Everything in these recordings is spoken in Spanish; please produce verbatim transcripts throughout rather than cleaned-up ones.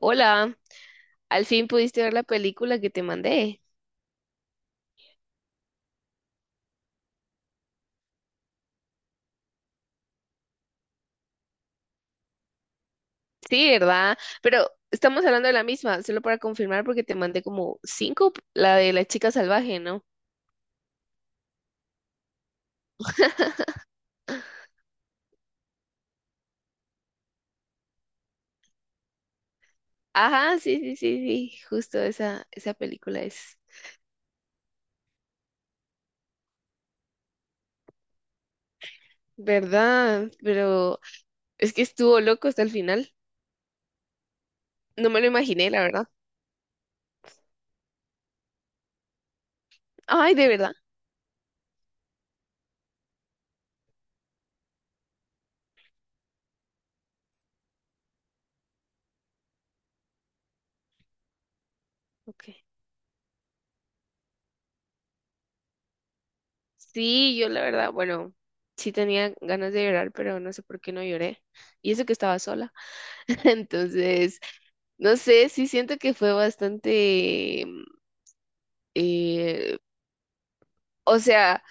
Hola, al fin pudiste ver la película que te mandé. Sí, ¿verdad? Pero estamos hablando de la misma, solo para confirmar porque te mandé como cinco, la de la chica salvaje, ¿no? Ajá, sí, sí, sí, sí, justo esa, esa película es. ¿Verdad? Pero es que estuvo loco hasta el final. No me lo imaginé, la verdad. Ay, de verdad. Ok. Sí, yo la verdad, bueno, sí tenía ganas de llorar, pero no sé por qué no lloré. Y eso que estaba sola. Entonces... No sé, sí siento que fue bastante, mm, eh, o sea,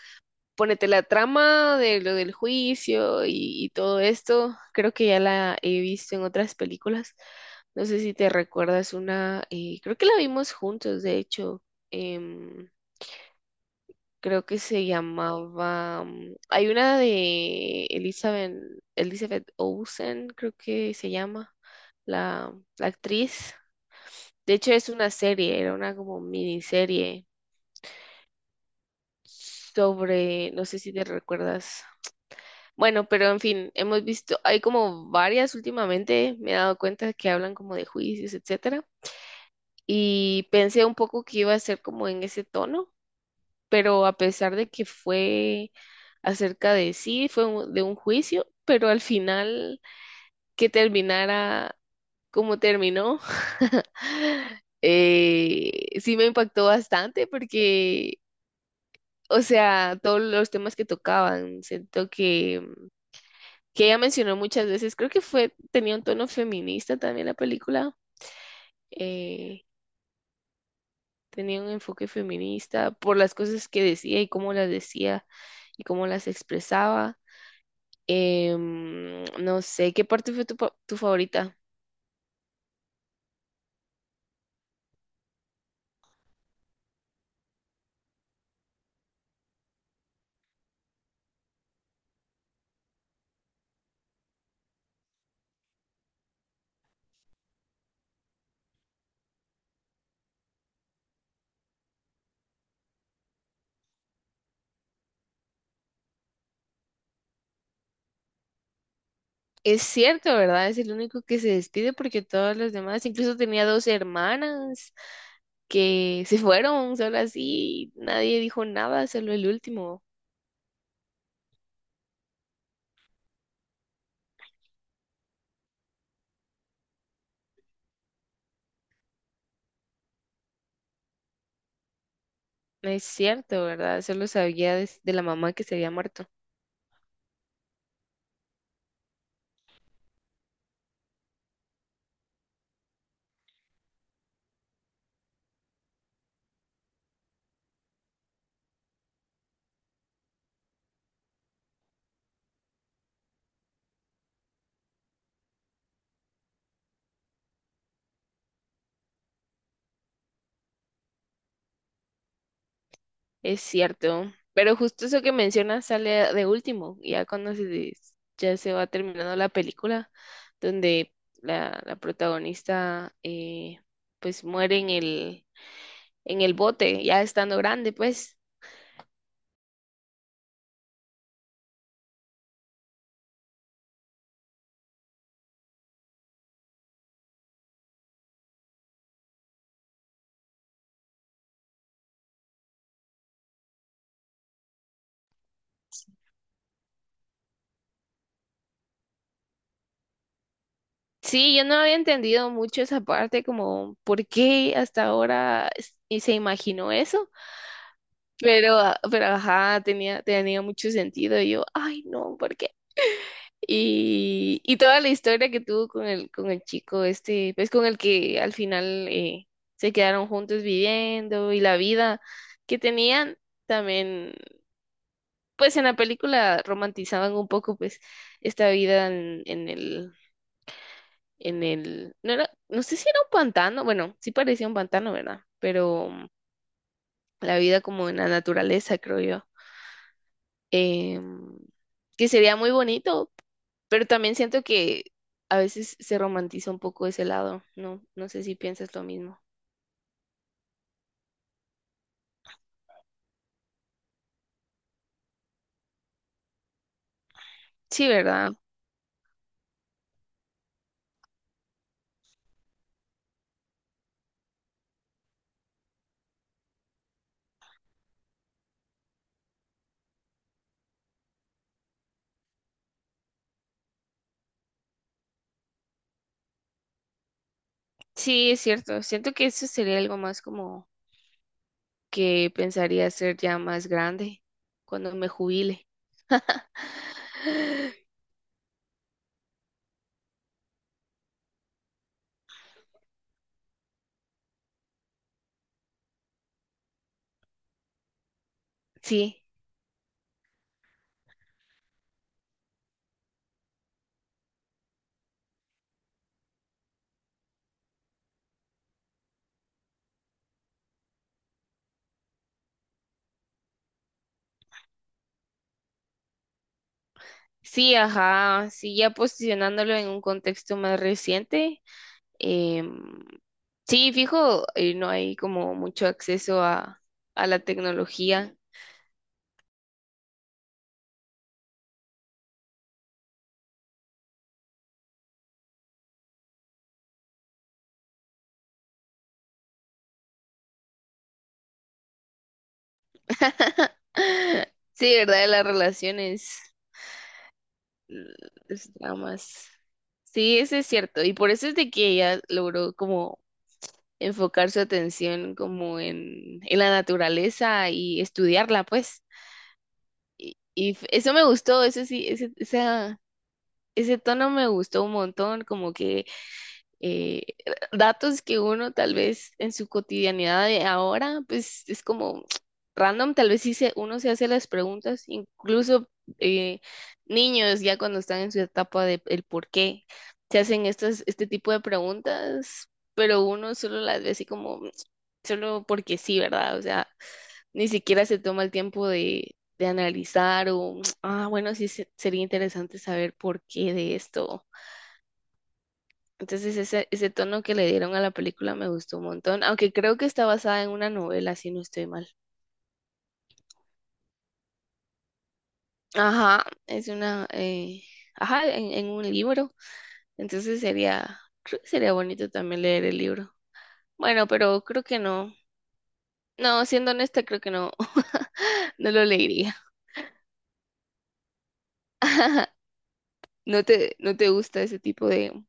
ponete la trama de lo del juicio y, y todo esto, creo que ya la he visto en otras películas. No sé si te recuerdas una, eh, creo que la vimos juntos, de hecho, em, creo que se llamaba, mm, hay una de Elizabeth, Elizabeth Olsen, creo que se llama, la, la actriz. De hecho, es una serie, era una como miniserie sobre, no sé si te recuerdas. Bueno, pero en fin, hemos visto, hay como varias últimamente, me he dado cuenta que hablan como de juicios, etcétera, y pensé un poco que iba a ser como en ese tono, pero a pesar de que fue acerca de sí, fue un- de un juicio, pero al final que terminara como terminó, eh, sí me impactó bastante porque, o sea, todos los temas que tocaban, siento que que ella mencionó muchas veces, creo que fue, tenía un tono feminista también la película, eh, tenía un enfoque feminista por las cosas que decía y cómo las decía y cómo las expresaba. Em, no sé, ¿qué parte fue tu, pa- tu favorita? Es cierto, ¿verdad? Es el único que se despide porque todos los demás, incluso tenía dos hermanas que se fueron solo así, nadie dijo nada, solo el último. No es cierto, ¿verdad? Solo sabía des- de la mamá que se había muerto. Es cierto, pero justo eso que mencionas sale de último, ya cuando se, des- ya se va terminando la película, donde la, la protagonista eh, pues muere en el, en el bote, ya estando grande, pues. Sí, yo no había entendido mucho esa parte, como por qué hasta ahora es- y se imaginó eso, pero, ah, pero ajá, tenía, tenía mucho sentido. Y yo, ay, no, ¿por qué? Y, y toda la historia que tuvo con el, con el chico este, pues con el que al final eh, se quedaron juntos viviendo y la vida que tenían también, pues en la película romantizaban un poco pues esta vida en, en el, en el, no era, no sé si era un pantano, bueno, sí parecía un pantano, ¿verdad? Pero mm, la vida como en la naturaleza, creo yo. Em, que sería muy bonito. Pero también siento que a veces se romantiza un poco ese lado, ¿no? No sé si piensas lo mismo. Sí, ¿verdad? Sí, es cierto. Siento que eso sería algo más como que pensaría ser ya más grande cuando me jubile. Sí, sí, ajá, sí, ya posicionándolo en un contexto más reciente. em, sí, fijo, eh, no hay como mucho acceso a, a la tecnología. Sí, ¿verdad? De las relaciones. Los traumas. Sí, eso es cierto. Y por eso es de que ella logró como enfocar su atención como en, en la naturaleza y estudiarla, pues. Y f- eso me gustó, eso sí, ese, esa, ese tono me gustó un montón, como que eh, datos que uno tal vez en su cotidianidad de ahora, pues es como random, tal vez sí se- uno se hace las preguntas, incluso eh, niños ya cuando están en su etapa de el por qué, se hacen estas, este tipo de preguntas, pero uno solo las ve así como, solo porque sí, ¿verdad? O sea, ni siquiera se toma el tiempo de... de analizar o, ah, bueno, sí se- sería interesante saber por qué de esto, entonces ese, ese tono que le dieron a la película me gustó un montón, aunque creo que está basada en una novela, si no estoy mal. Ajá, es una, eh, ajá, en, en un libro. Entonces sería, creo que sería bonito también leer el libro. Bueno, pero creo que no. No, siendo honesta, creo que no, no lo leería. No te, no te gusta ese tipo de...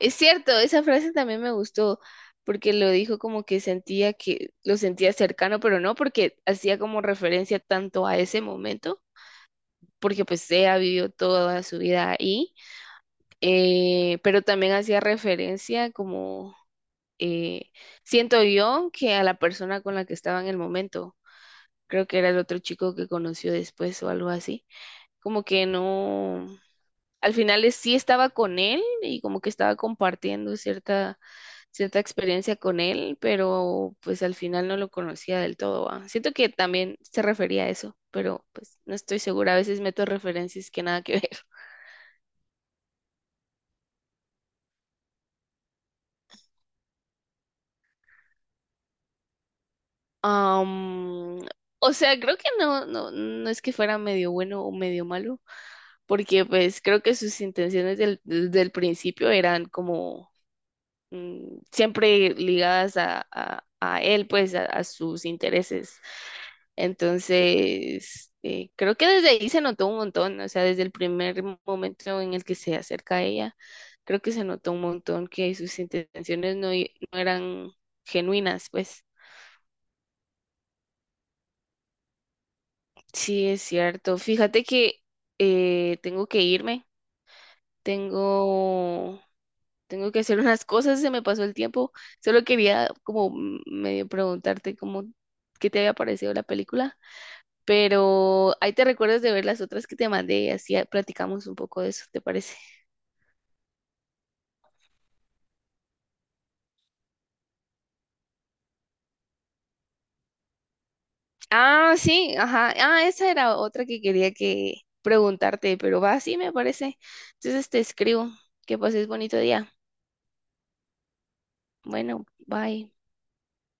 Es cierto, esa frase también me gustó porque lo dijo como que sentía que lo sentía cercano, pero no porque hacía como referencia tanto a ese momento porque pues ella vivió toda su vida ahí, eh, pero también hacía referencia como, eh, siento yo, que a la persona con la que estaba en el momento, creo que era el otro chico que conoció después o algo así, como que no, al final es- sí estaba con él y como que estaba compartiendo cierta, cierta experiencia con él, pero pues al final no lo conocía del todo, ¿va? Siento que también se refería a eso, pero pues no estoy segura, a veces meto referencias que nada que ver. Am, o sea, creo que no, no, no es que fuera medio bueno o medio malo, porque pues creo que sus intenciones del, desde el principio eran como mm, siempre ligadas a, a- a él, pues a, a sus intereses. Entonces, eh, creo que desde ahí se notó un montón, o sea, desde el primer momento en el que se acerca a ella, creo que se notó un montón que sus intenciones no, i- no eran genuinas, pues. Sí, es cierto. Fíjate que eh, tengo que irme, tengo, tengo que hacer unas cosas, se me pasó el tiempo. Solo quería como mm, medio preguntarte cómo, qué te había parecido la película, pero ahí te recuerdas de ver las otras que te mandé y así ah, platicamos un poco de eso, ¿te parece? Ah, sí, ajá. Ah, esa era otra que quería que preguntarte, pero va, sí, me parece. Entonces te escribo. Que pases bonito día. Bueno, bye.